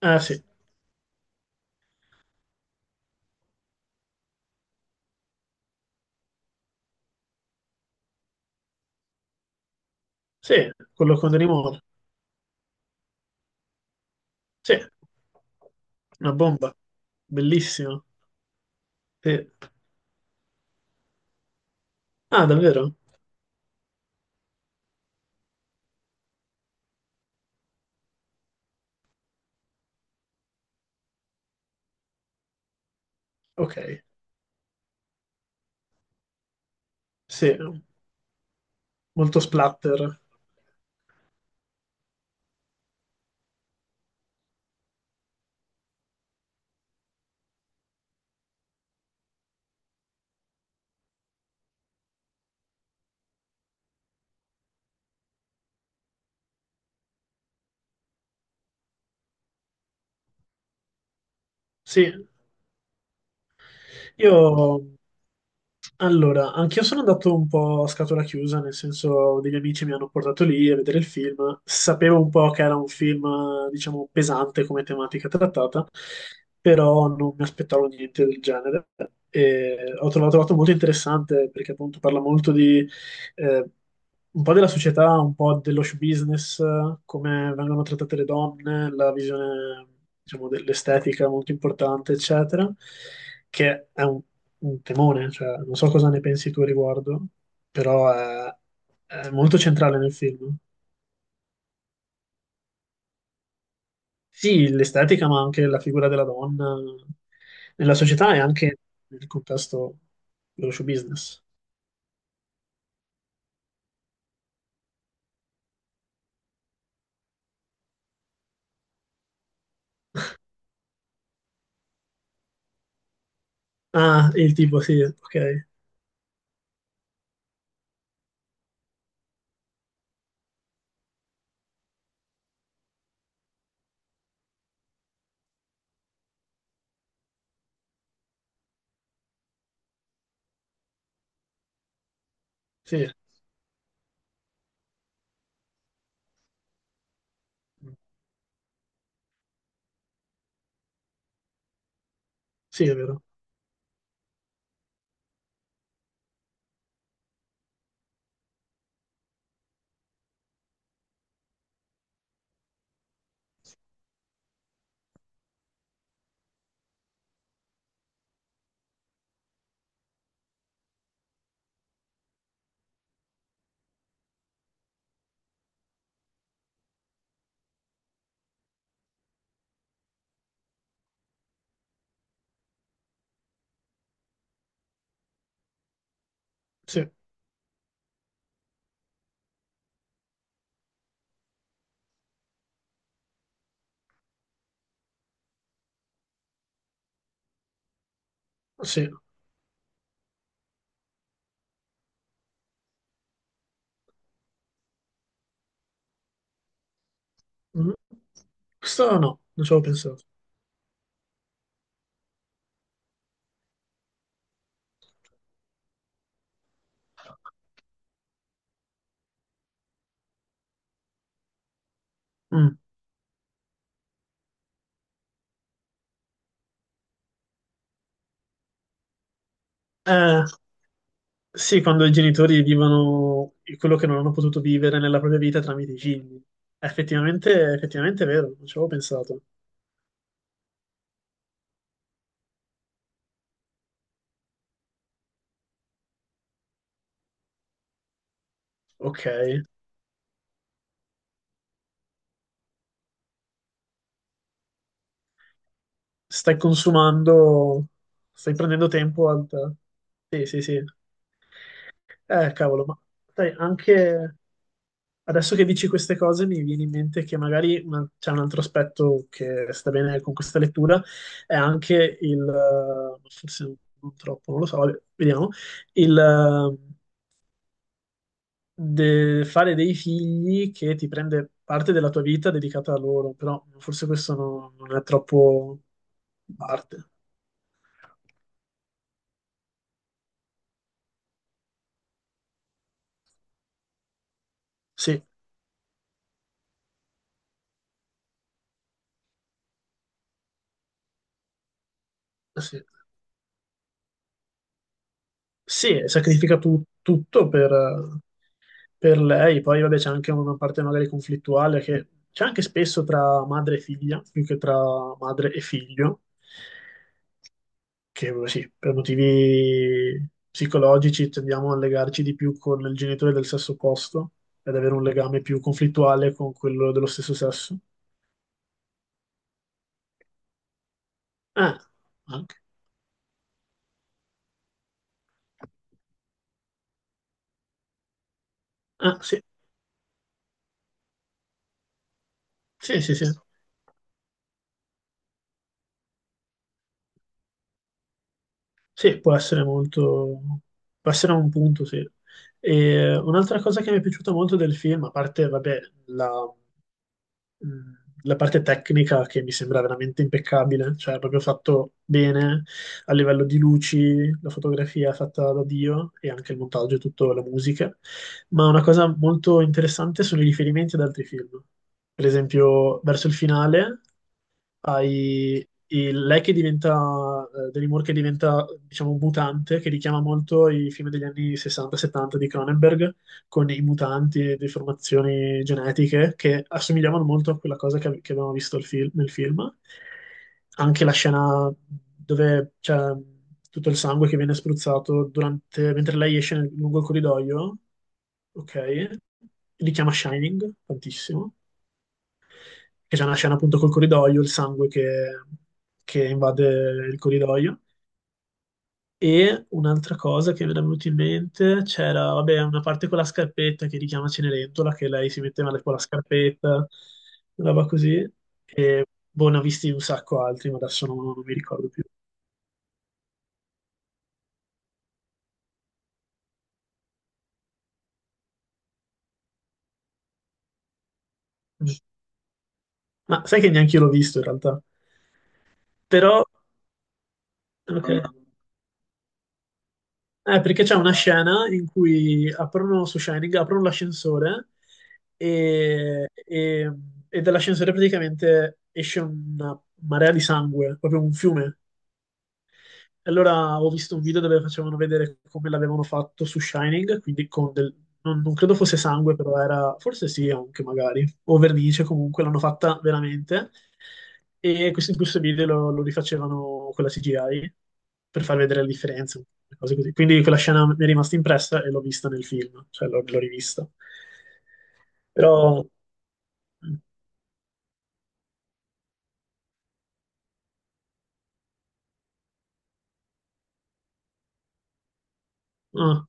Ah, sì, sì, quello con Demi Moore. Sì, una bomba. Bellissimo. Sì. Ah, davvero? Ok. Sì, molto splatter. Sì, io... Allora, anch'io sono andato un po' a scatola chiusa, nel senso degli amici mi hanno portato lì a vedere il film. Sapevo un po' che era un film, diciamo, pesante come tematica trattata, però non mi aspettavo niente del genere. E l'ho trovato molto interessante perché appunto parla molto di eh, un po' della società, un po' dello show business, come vengono trattate le donne, la visione, diciamo, dell'estetica molto importante, eccetera, che è un temone, cioè, non so cosa ne pensi tu a riguardo, però è, è molto centrale nel film. Sì, l'estetica, ma anche la figura della donna nella società e anche nel contesto dello show business. Ah, il tipo, sì, ok, sì, sì, è vero, sì, sì. Mm. Questo no, non ci avevo pensato. Mm. Eh, sì, quando i genitori vivono quello che non hanno potuto vivere nella propria vita tramite i figli. È effettivamente, è vero, non ci avevo pensato. Ok, stai consumando, stai prendendo tempo al... Sì, sì, sì. Cavolo, ma sai, anche... Adesso che dici queste cose mi viene in mente che magari c'è un altro aspetto che sta bene con questa lettura, è anche forse non troppo, non lo so, vabbè, vediamo, il fare dei figli che ti prende parte della tua vita dedicata a loro, però forse questo non è troppo parte. Sì, sì, sì, sacrifica tutto per lei, poi vabbè c'è anche una parte magari conflittuale che c'è anche spesso tra madre e figlia, più che tra madre e figlio, che sì, per motivi psicologici tendiamo a legarci di più con il genitore del sesso opposto ad avere un legame più conflittuale con quello dello stesso sesso. Ah, anche. Ah, sì, sì, sì, sì. Sì, può essere molto, può essere un punto, sì. E un'altra cosa che mi è piaciuta molto del film, a parte, vabbè, la, mh, la parte tecnica che mi sembra veramente impeccabile, cioè proprio fatto bene a livello di luci, la fotografia è fatta da Dio e anche il montaggio e tutta la musica, ma una cosa molto interessante sono i riferimenti ad altri film. Per esempio, verso il finale hai lei che diventa, Demi Moore che diventa, diciamo, un mutante, che richiama molto i film degli anni 60-70 di Cronenberg, con i mutanti e deformazioni genetiche che assomigliavano molto a quella cosa che abbiamo visto il nel film. Anche la scena dove c'è tutto il sangue che viene spruzzato durante- mentre lei esce lungo il corridoio, ok? Richiama Shining tantissimo che c'è una scena appunto col corridoio, il sangue che invade il corridoio. E un'altra cosa che mi era venuta in mente c'era, vabbè, una parte con la scarpetta che richiama Cenerentola, che lei si metteva con la scarpetta, una roba così. E boh, ne ho visti un sacco altri, ma adesso non mi ricordo più. Ma sai che neanche io l'ho visto in realtà. Però, ok. Perché c'è una scena in cui aprono su Shining, aprono l'ascensore e, e- e dall'ascensore praticamente esce una marea di sangue, proprio un fiume. E allora ho visto un video dove facevano vedere come l'avevano fatto su Shining, quindi con del... Non, non credo fosse sangue, però era... Forse sì, anche magari. O vernice, comunque l'hanno fatta veramente. E questo, in questo video lo rifacevano con la CGI per far vedere le differenze, le cose così. Quindi quella scena mi è rimasta impressa e l'ho vista nel film, cioè l'ho rivista. Però... Ah,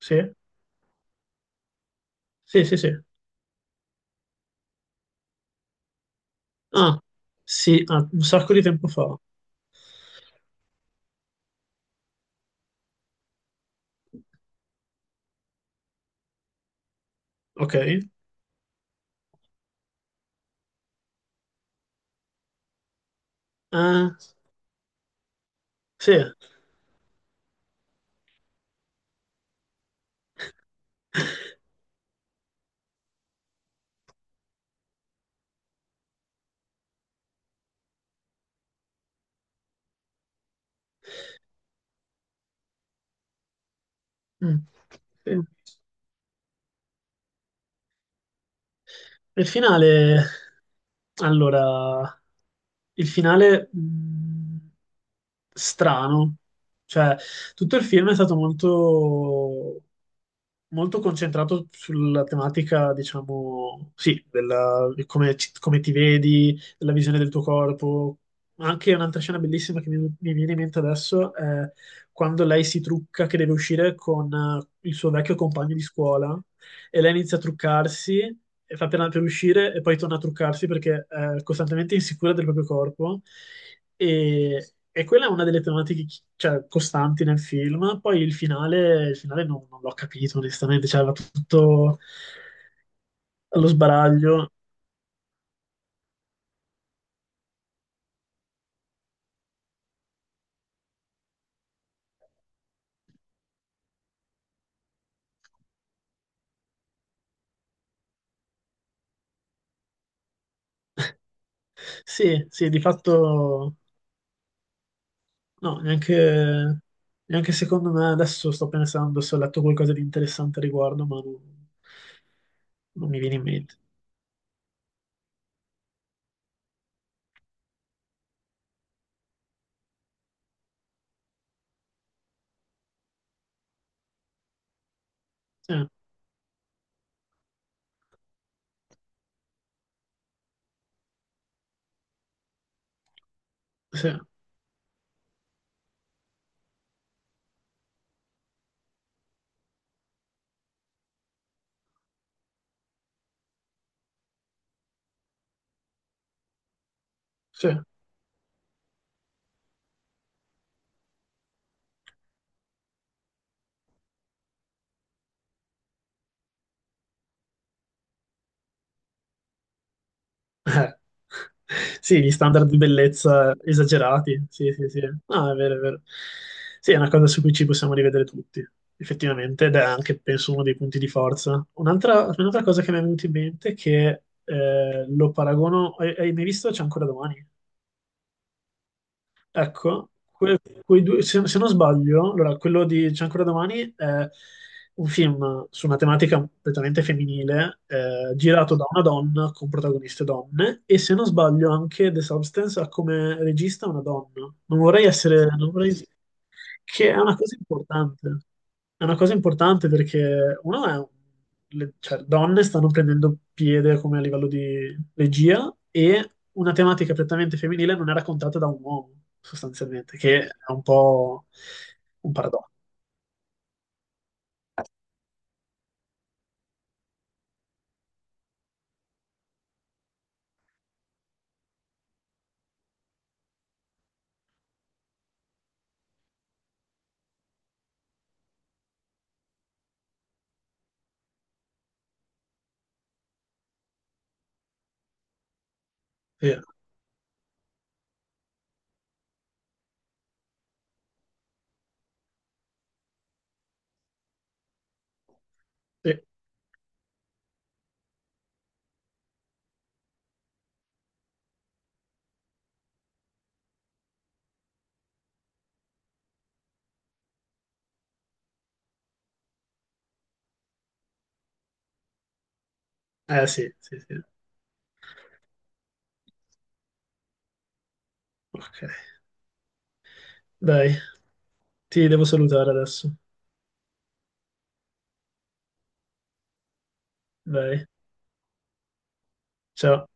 sì? Sì, sì, sì. Ah, sì, ah, un sacco di tempo fa. Ok. Ah. Sì. Mm. Sì. Il finale, allora, il finale strano, cioè tutto il film è stato molto, molto concentrato sulla tematica, diciamo, sì, di come, come ti vedi, della visione del tuo corpo. Anche un'altra scena bellissima mi viene in mente adesso è quando lei si trucca che deve uscire con il suo vecchio compagno di scuola e lei inizia a truccarsi e fa per uscire e poi torna a truccarsi perché è costantemente insicura del proprio corpo e quella è una delle tematiche cioè, costanti nel film. Poi il finale non l'ho capito onestamente, cioè va tutto allo sbaraglio. Sì, sì, di fatto no, neanche, neanche secondo me adesso sto pensando se ho letto qualcosa di interessante a riguardo, ma non, non mi viene in mente. Eh, sì, sì. Eh, sì, gli standard di bellezza esagerati. Sì, sì, sì. No, è vero, è vero. Sì, è una cosa su cui ci possiamo rivedere tutti, effettivamente, ed è anche, penso, uno dei punti di forza. Un'altra cosa che mi è venuta in mente è che lo paragono... Hai mai visto C'è ancora domani? Ecco, que- quei due, se non sbaglio, allora, quello di C'è ancora domani è un film su una tematica completamente femminile, girato da una donna con protagoniste donne, e se non sbaglio anche The Substance ha come regista una donna. Non vorrei che è una cosa importante. È una cosa importante perché le, cioè, donne stanno prendendo piede come a livello di regia e una tematica prettamente femminile non è raccontata da un uomo, sostanzialmente, che è un po' un paradosso. Sì, sì. Eh sì, sì, sì. Ok. Dai, ti devo salutare adesso. Dai, ciao.